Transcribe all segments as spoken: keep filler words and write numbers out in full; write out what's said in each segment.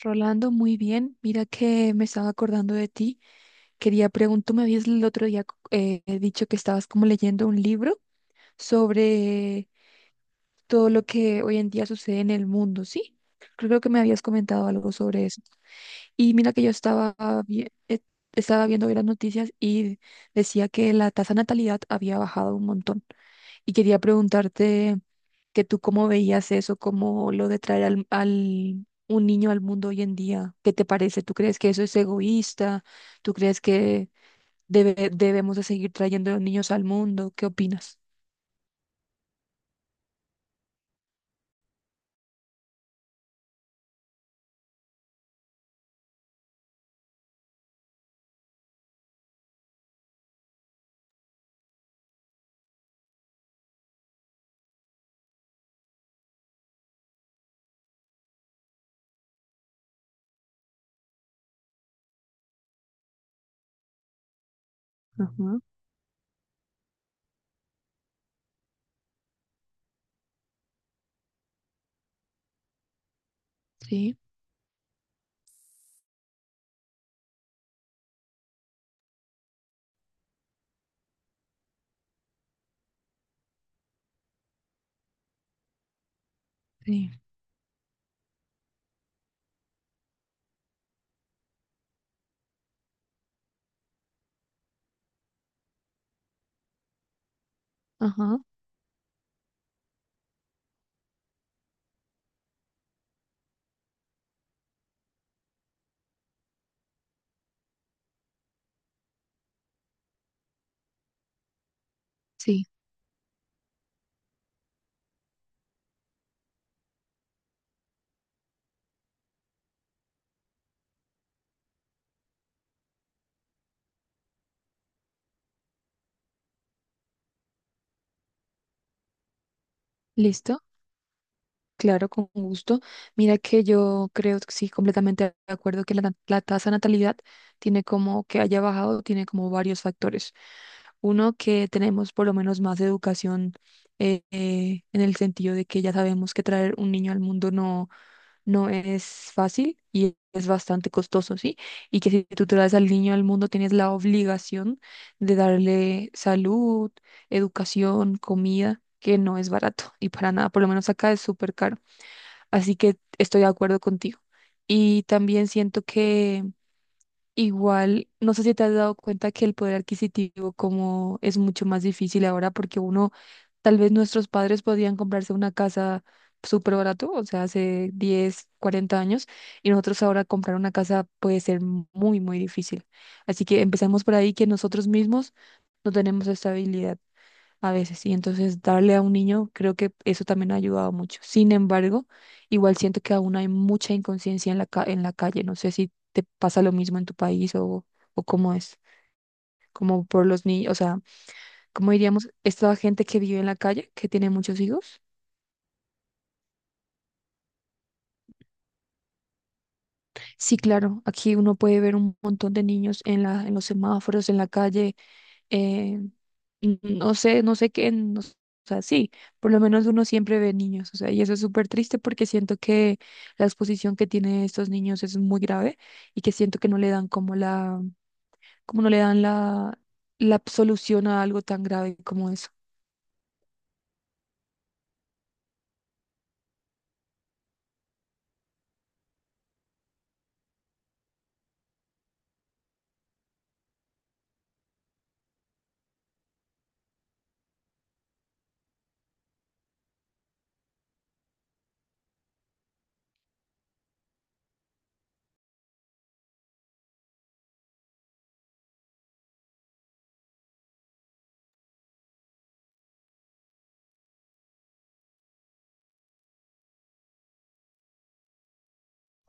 Rolando, muy bien. Mira que me estaba acordando de ti. Quería preguntar, tú me habías el otro día eh, dicho que estabas como leyendo un libro sobre todo lo que hoy en día sucede en el mundo, ¿sí? Creo que me habías comentado algo sobre eso. Y mira que yo estaba, vi- eh, estaba viendo hoy las noticias y decía que la tasa de natalidad había bajado un montón. Y quería preguntarte que tú cómo veías eso, cómo lo de traer al, al- un niño al mundo hoy en día. ¿Qué te parece? ¿Tú crees que eso es egoísta? ¿Tú crees que debe- debemos de seguir trayendo niños al mundo? ¿Qué opinas? Ajá, sí, sí, ajá, sí. ¿Listo? Claro, con gusto. Mira que yo creo, que sí, completamente de acuerdo que la, na- la tasa de natalidad tiene como que haya bajado, tiene como varios factores. Uno, que tenemos por lo menos más educación eh, eh, en el sentido de que ya sabemos que traer un niño al mundo no, no es fácil y es bastante costoso, ¿sí? Y que si tú traes al niño al mundo tienes la obligación de darle salud, educación, comida, que no es barato y para nada, por lo menos acá es súper caro. Así que estoy de acuerdo contigo. Y también siento que igual, no sé si te has dado cuenta que el poder adquisitivo como es mucho más difícil ahora porque uno, tal vez nuestros padres podían comprarse una casa súper barato, o sea, hace diez cuarenta años, y nosotros ahora comprar una casa puede ser muy, muy difícil. Así que empezamos por ahí que nosotros mismos no tenemos estabilidad a veces. Y entonces darle a un niño, creo que eso también ha ayudado mucho. Sin embargo, igual siento que aún hay mucha inconsciencia en la, ca- en la calle. No sé si te pasa lo mismo en tu país o, o cómo es, como por los niños, o sea, cómo diríamos, esta gente que vive en la calle, que tiene muchos hijos. Sí, claro, aquí uno puede ver un montón de niños en la, en los semáforos, en la calle. eh, no sé, no sé qué, no s- o sea, sí, por lo menos uno siempre ve niños, o sea, y eso es súper triste porque siento que la exposición que tienen estos niños es muy grave y que siento que no le dan como la, como no le dan la, la solución a algo tan grave como eso.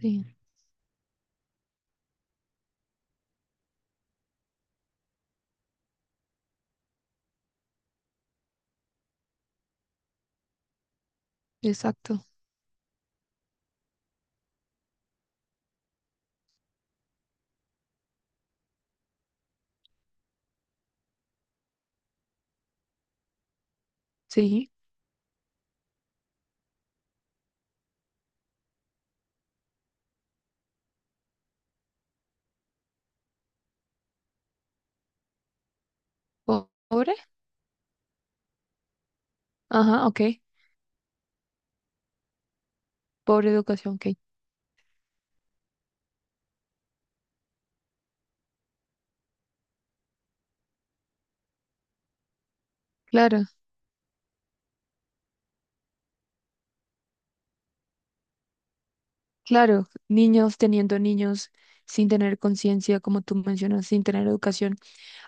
Sí, exacto. Sí, po- pobre. Ajá, ok. Pobre educación, ok. Claro, claro. Niños teniendo niños sin tener conciencia, como tú mencionas, sin tener educación.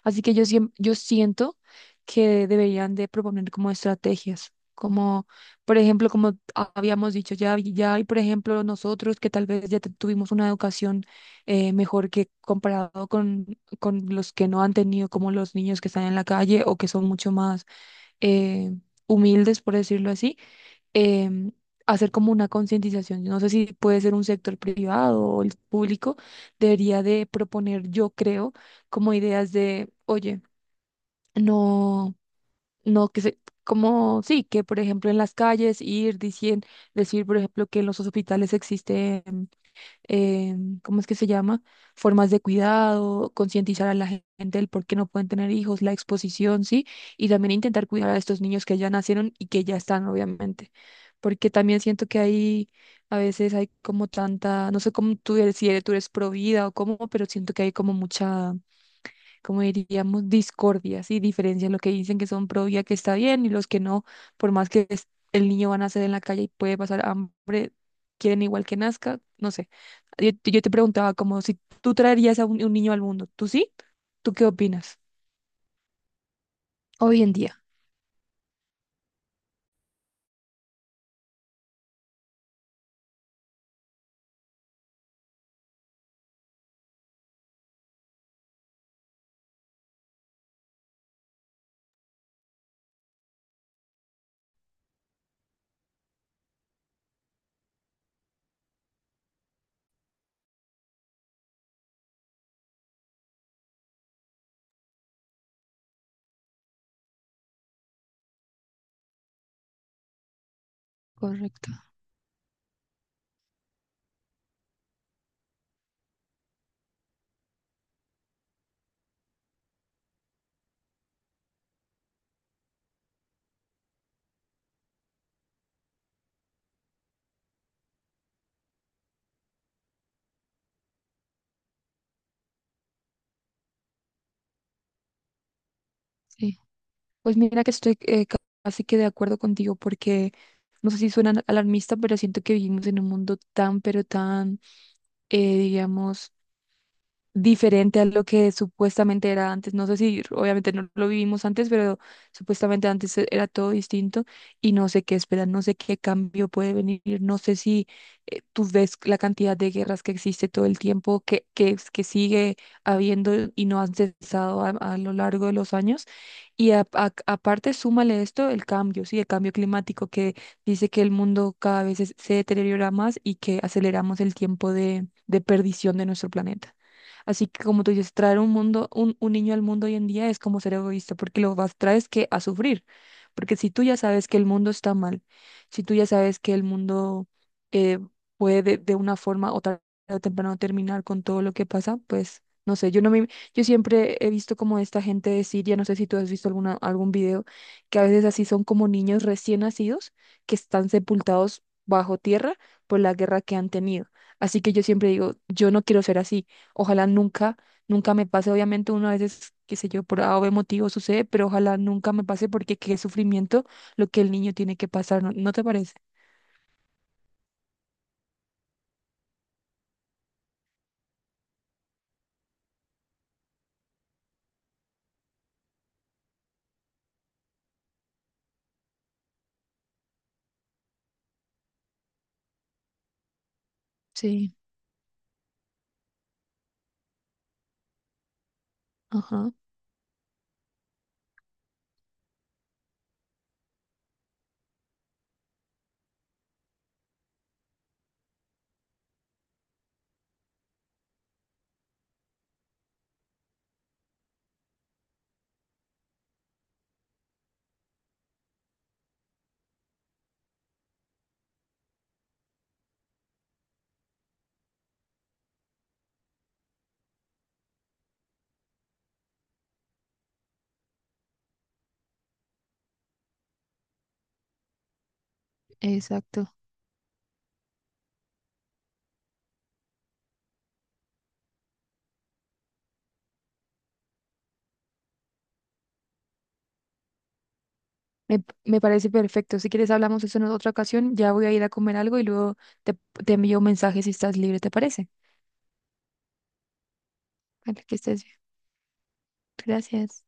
Así que yo, siem- yo siento que deberían de proponer como estrategias, como por ejemplo, como ha- habíamos dicho, ya, hay- ya hay, por ejemplo, nosotros que tal vez ya te- tuvimos una educación eh, mejor que comparado con, con los que no han tenido, como los niños que están en la calle o que son mucho más eh, humildes, por decirlo así, em, hacer como una concientización. No sé si puede ser un sector privado o el público, debería de proponer, yo creo, como ideas de, oye, no, no que se, como sí, que por ejemplo en las calles ir diciendo, decir por ejemplo que en los hospitales existen, em, ¿cómo es que se llama? Formas de cuidado, concientizar a la gen- gente del por qué no pueden tener hijos, la exposición, sí, y también intentar cuidar a estos niños que ya nacieron y que ya están, obviamente, porque también siento que hay, a veces hay como tanta, no sé cómo tú eres, si eres, tú eres pro vida o cómo, pero siento que hay como mucha como diríamos, discordias y diferencias, lo que dicen que son pro vida que está bien y los que no, por más que es- el niño va a nacer en la calle y puede pasar hambre, quieren igual que nazca, no sé. Yo, te yo te preguntaba como si tú traerías a un, un niño al mundo, ¿tú sí? ¿Tú qué opinas? Hoy en día. Correcto, sí. Pues mira que estoy eh, ca- casi que de acuerdo contigo porque no sé si suena alarmista, pero siento que vivimos en un mundo tan, pero tan, eh, digamos, diferente a lo que supuestamente era antes. No sé si obviamente no lo vivimos antes, pero supuestamente antes e- era todo distinto y no sé qué esperar, no sé qué cambio puede venir, no sé si eh, tú ves la cantidad de guerras que existe todo el tiempo, que, que, es- que sigue habiendo y no han cesado a, a lo largo de los años. Y a- a- aparte, súmale esto, el cambio, sí, el cambio climático que dice que el mundo cada vez es- se deteriora más y que aceleramos el tiempo de de perdición de nuestro planeta. Así que como tú dices, traer un mundo, un, un niño al mundo hoy en día es como ser egoísta, porque lo vas traes que a sufrir. Porque si tú ya sabes que el mundo está mal, si tú ya sabes que el mundo eh, puede de, de una forma o tarde o temprano terminar con todo lo que pasa, pues no sé, yo no me, yo siempre he visto como esta gente de Siria, no sé si tú has visto alguna, algún video, que a veces así son como niños recién nacidos que están sepultados bajo tierra por la guerra que han tenido. Así que yo siempre digo, yo no quiero ser así. Ojalá nunca, nunca me pase. Obviamente uno a veces, qué sé yo, por a o be motivo sucede, pero ojalá nunca me pase porque qué sufrimiento lo que el niño tiene que pasar, ¿no, no te parece? Sí, ajá, exacto. Me, me parece perfecto. Si quieres hablamos de eso en otra ocasión. Ya voy a ir a comer algo y luego te, te envío un mensaje si estás libre, ¿te parece? Vale, que estés bien. Gracias.